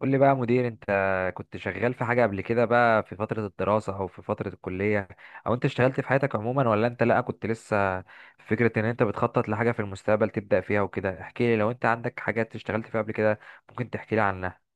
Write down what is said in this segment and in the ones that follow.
قول لي بقى يا مدير انت كنت شغال في حاجة قبل كده بقى في فترة الدراسة او في فترة الكلية، او انت اشتغلت في حياتك عموما ولا انت لا كنت لسه في فكرة ان انت بتخطط لحاجة في المستقبل تبدأ فيها وكده. احكي لي لو انت عندك حاجات اشتغلت فيها قبل كده ممكن تحكي لي عنها.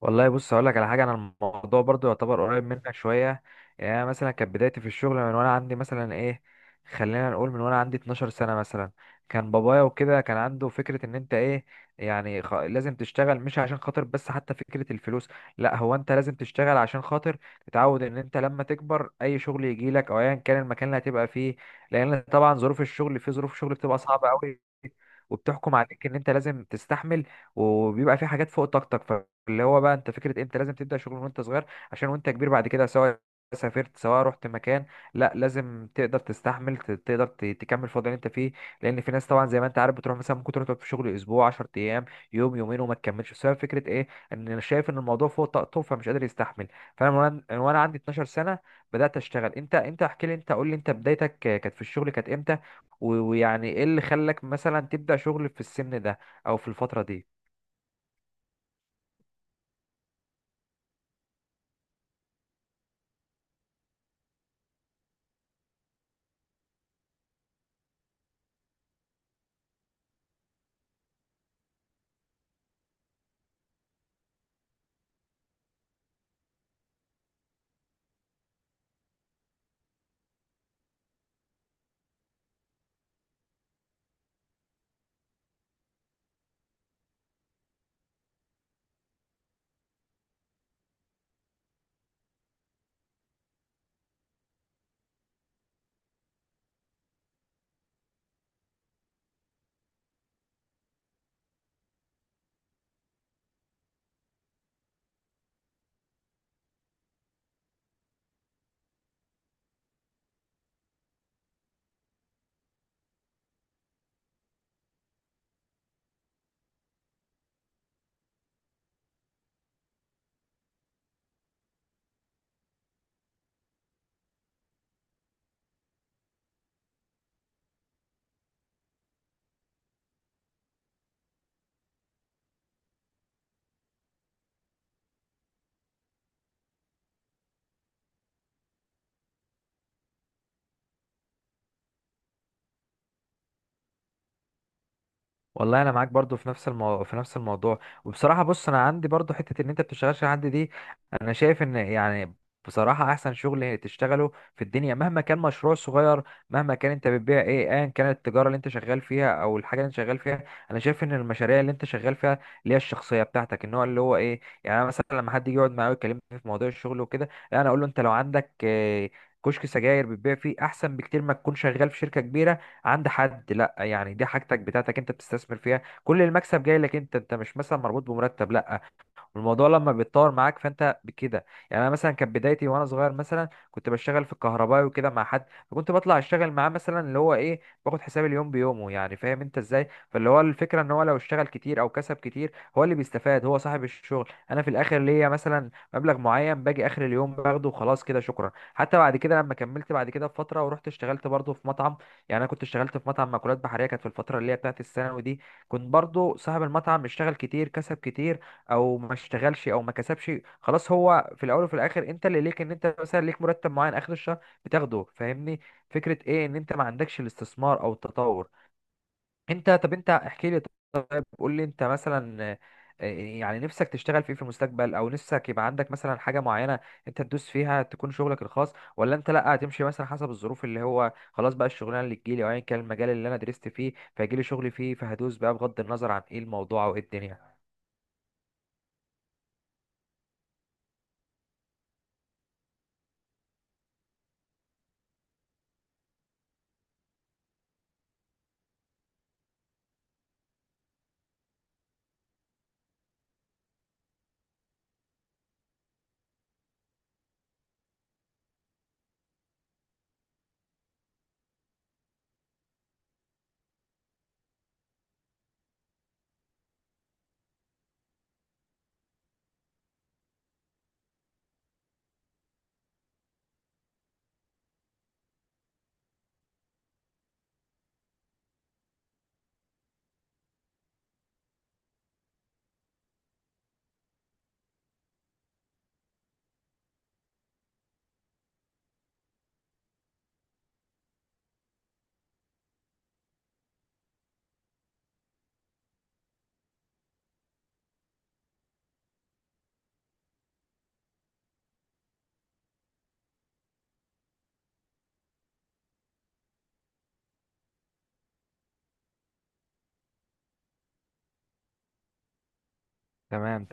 والله بص، هقول لك على حاجه. انا الموضوع برضو يعتبر قريب منك شويه. يعني انا مثلا كانت بدايتي في الشغل من وانا عندي مثلا ايه، خلينا نقول من وانا عندي 12 سنه مثلا. كان بابايا وكده كان عنده فكره ان انت ايه، يعني لازم تشتغل مش عشان خاطر بس حتى فكره الفلوس، لا، هو انت لازم تشتغل عشان خاطر تتعود ان انت لما تكبر اي شغل يجي لك او ايا كان المكان اللي هتبقى فيه، لان طبعا ظروف الشغل ظروف شغل بتبقى صعبه قوي، وبتحكم عليك ان انت لازم تستحمل، وبيبقى في حاجات فوق طاقتك. اللي هو بقى انت فكره انت لازم تبدا شغل وانت صغير عشان وانت كبير بعد كده، سواء سافرت سواء رحت مكان، لا لازم تقدر تستحمل، تقدر تكمل في الوضع اللي انت فيه. لان في ناس طبعا زي ما انت عارف بتروح مثلا ممكن تروح تقعد في شغل اسبوع 10 ايام، يوم يومين وما تكملش بسبب فكره ايه، ان انا شايف ان الموضوع فوق طاقته فمش قادر يستحمل. فانا من وانا عندي 12 سنه بدات اشتغل. انت احكي لي، انت قول لي انت بدايتك كانت في الشغل كانت امتى؟ ويعني ايه اللي خلاك مثلا تبدا شغل في السن ده او في الفتره دي؟ والله انا معاك برضو في في نفس الموضوع. وبصراحه بص انا عندي برضو حته ان انت بتشتغلش عندي دي، انا شايف ان يعني بصراحه احسن شغل تشتغله في الدنيا، مهما كان مشروع صغير، مهما كان انت بتبيع ايه، ايا كانت التجاره اللي انت شغال فيها او الحاجه اللي انت شغال فيها، انا شايف ان المشاريع اللي انت شغال فيها اللي هي الشخصيه بتاعتك النوع اللي هو ايه، يعني انا مثلا لما حد يجي يقعد معايا ويكلمني في موضوع الشغل وكده لا انا اقول له انت لو عندك كشك سجاير بتبيع فيه احسن بكتير ما تكون شغال في شركه كبيره عند حد. لا يعني دي حاجتك بتاعتك، انت بتستثمر فيها، كل المكسب جاي لك انت مش مثلا مربوط بمرتب، لا. والموضوع لما بيتطور معاك فانت بكده. يعني انا مثلا كانت بدايتي وانا صغير مثلا كنت بشتغل في الكهرباء وكده مع حد، فكنت بطلع اشتغل معاه مثلا اللي هو ايه، باخد حساب اليوم بيومه، يعني فاهم انت ازاي. فاللي هو الفكره ان هو لو اشتغل كتير او كسب كتير هو اللي بيستفاد، هو صاحب الشغل. انا في الاخر ليا مثلا مبلغ معين، باجي اخر اليوم باخده وخلاص، كده شكرا. حتى بعد كده لما كملت بعد كده بفتره ورحت اشتغلت برضه في مطعم، يعني انا كنت اشتغلت في مطعم مأكولات بحريه، كانت في الفتره اللي هي بتاعت الثانوي دي، كنت برضه صاحب المطعم اشتغل كتير كسب كتير او ما اشتغلش او ما كسبش، خلاص هو في الاول وفي الاخر انت اللي ليك ان انت مثلا ليك مرتب معين اخر الشهر بتاخده، فاهمني؟ فكره ايه، ان انت ما عندكش الاستثمار او التطور. انت طب، انت احكي لي، طب قول لي انت مثلا، آه، يعني نفسك تشتغل في ايه في المستقبل، او نفسك يبقى عندك مثلا حاجه معينه انت تدوس فيها تكون شغلك الخاص، ولا انت لا هتمشي مثلا حسب الظروف، اللي هو خلاص بقى الشغلانه اللي تجيلي او ايا كان المجال اللي انا درست فيه فيجيلي شغل فيه فهدوس بقى بغض النظر عن ايه الموضوع او ايه الدنيا؟ تمام.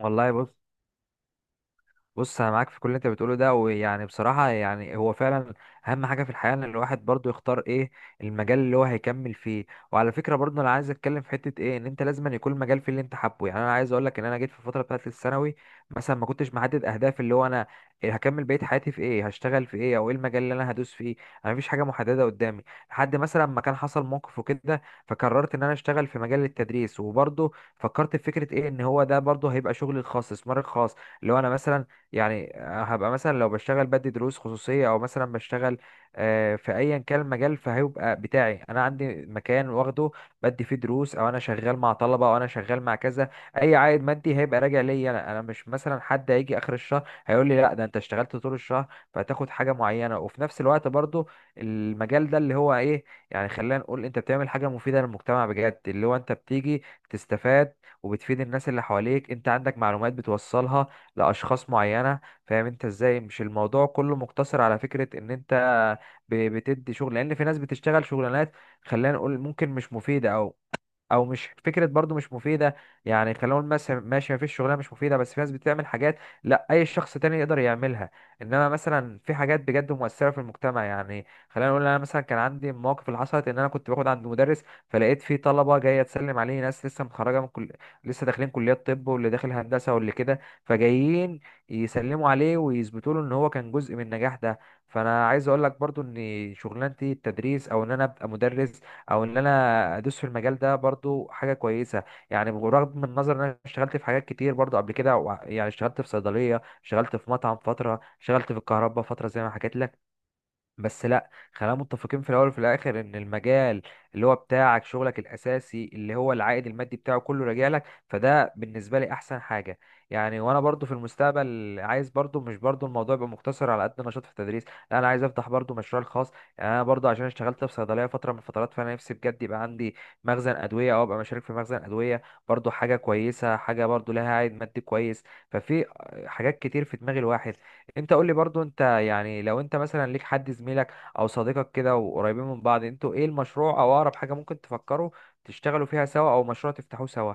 والله بص، بص انا معاك في كل اللي انت بتقوله ده، ويعني بصراحه يعني هو فعلا اهم حاجه في الحياه ان الواحد برضو يختار ايه المجال اللي هو هيكمل فيه. وعلى فكره برضو انا عايز اتكلم في حته ايه، ان انت لازم أن يكون المجال فيه اللي انت حابه. يعني انا عايز اقول لك ان انا جيت في الفتره بتاعت الثانوي مثلا ما كنتش محدد اهداف اللي هو انا هكمل بقيه حياتي في ايه، هشتغل في ايه او ايه المجال اللي انا هدوس فيه. انا مفيش حاجه محدده قدامي لحد مثلا ما كان حصل موقف وكده فقررت ان انا اشتغل في مجال التدريس، وبرضو فكرت في فكره ايه، ان هو ده برضو هيبقى شغلي الخاص، استثماري الخاص، اللي هو انا مثلا يعني هبقى مثلا لو بشتغل بدي دروس خصوصية، أو مثلا بشتغل في أيا كان المجال فهيبقى بتاعي أنا، عندي مكان واخده بدي فيه دروس أو أنا شغال مع طلبة أو أنا شغال مع كذا، أي عائد مادي هيبقى راجع ليا أنا مش مثلا حد هيجي آخر الشهر هيقول لي لا، ده أنت اشتغلت طول الشهر فهتاخد حاجة معينة. وفي نفس الوقت برضو المجال ده اللي هو إيه، يعني خلينا نقول أنت بتعمل حاجة مفيدة للمجتمع بجد، اللي هو أنت بتيجي تستفاد وبتفيد الناس اللي حواليك، أنت عندك معلومات بتوصلها لاشخاص معينه، فاهم انت ازاي. مش الموضوع كله مقتصر على فكره ان انت بتدي شغل، لان في ناس بتشتغل شغلانات خلينا نقول ممكن مش مفيده، او او مش فكره برضو مش مفيده. يعني خلينا نقول مثلا ماشي مفيش شغلانه مش مفيده، بس في ناس بتعمل حاجات لا اي شخص تاني يقدر يعملها، انما مثلا في حاجات بجد مؤثره في المجتمع. يعني خلينا نقول انا مثلا كان عندي مواقف اللي حصلت، ان انا كنت باخد عند مدرس فلقيت في طلبه جايه تسلم عليه، ناس لسه متخرجه من كل، لسه داخلين كليه طب واللي داخل هندسه واللي كده، فجايين يسلموا عليه ويثبتوا له ان هو كان جزء من النجاح ده. فانا عايز اقول لك برضو ان شغلانتي التدريس او ان انا ابقى مدرس او ان انا ادوس في المجال ده برضو حاجه كويسه، يعني برغم النظر ان انا اشتغلت في حاجات كتير برضو قبل كده يعني اشتغلت في صيدليه، اشتغلت في مطعم فتره، اشتغلت في الكهرباء فتره زي ما حكيت لك، بس لا خلينا متفقين في الاول وفي الاخر ان المجال اللي هو بتاعك شغلك الاساسي اللي هو العائد المادي بتاعه كله راجع لك، فده بالنسبه لي احسن حاجه. يعني وانا برضو في المستقبل عايز برضو، مش برضو الموضوع يبقى مقتصر على قد نشاط في التدريس، لا انا عايز افتح برضو مشروع خاص. يعني انا برضو عشان اشتغلت في صيدليه فتره من الفترات فانا نفسي بجد يبقى عندي مخزن ادويه او ابقى مشارك في مخزن ادويه، برضو حاجه كويسه، حاجه برضو لها عائد مادي كويس. ففي حاجات كتير في دماغ الواحد. انت قول لي برضو انت، يعني لو انت مثلا ليك حد زميلك او صديقك كده وقريبين من بعض، انتوا ايه المشروع او اقرب حاجة ممكن تفكروا تشتغلوا فيها سوا او مشروع تفتحوه سوا؟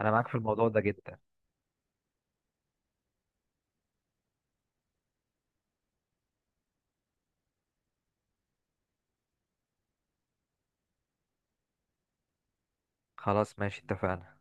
انا معاك في الموضوع ده جدا. خلاص ماشي اتفقنا.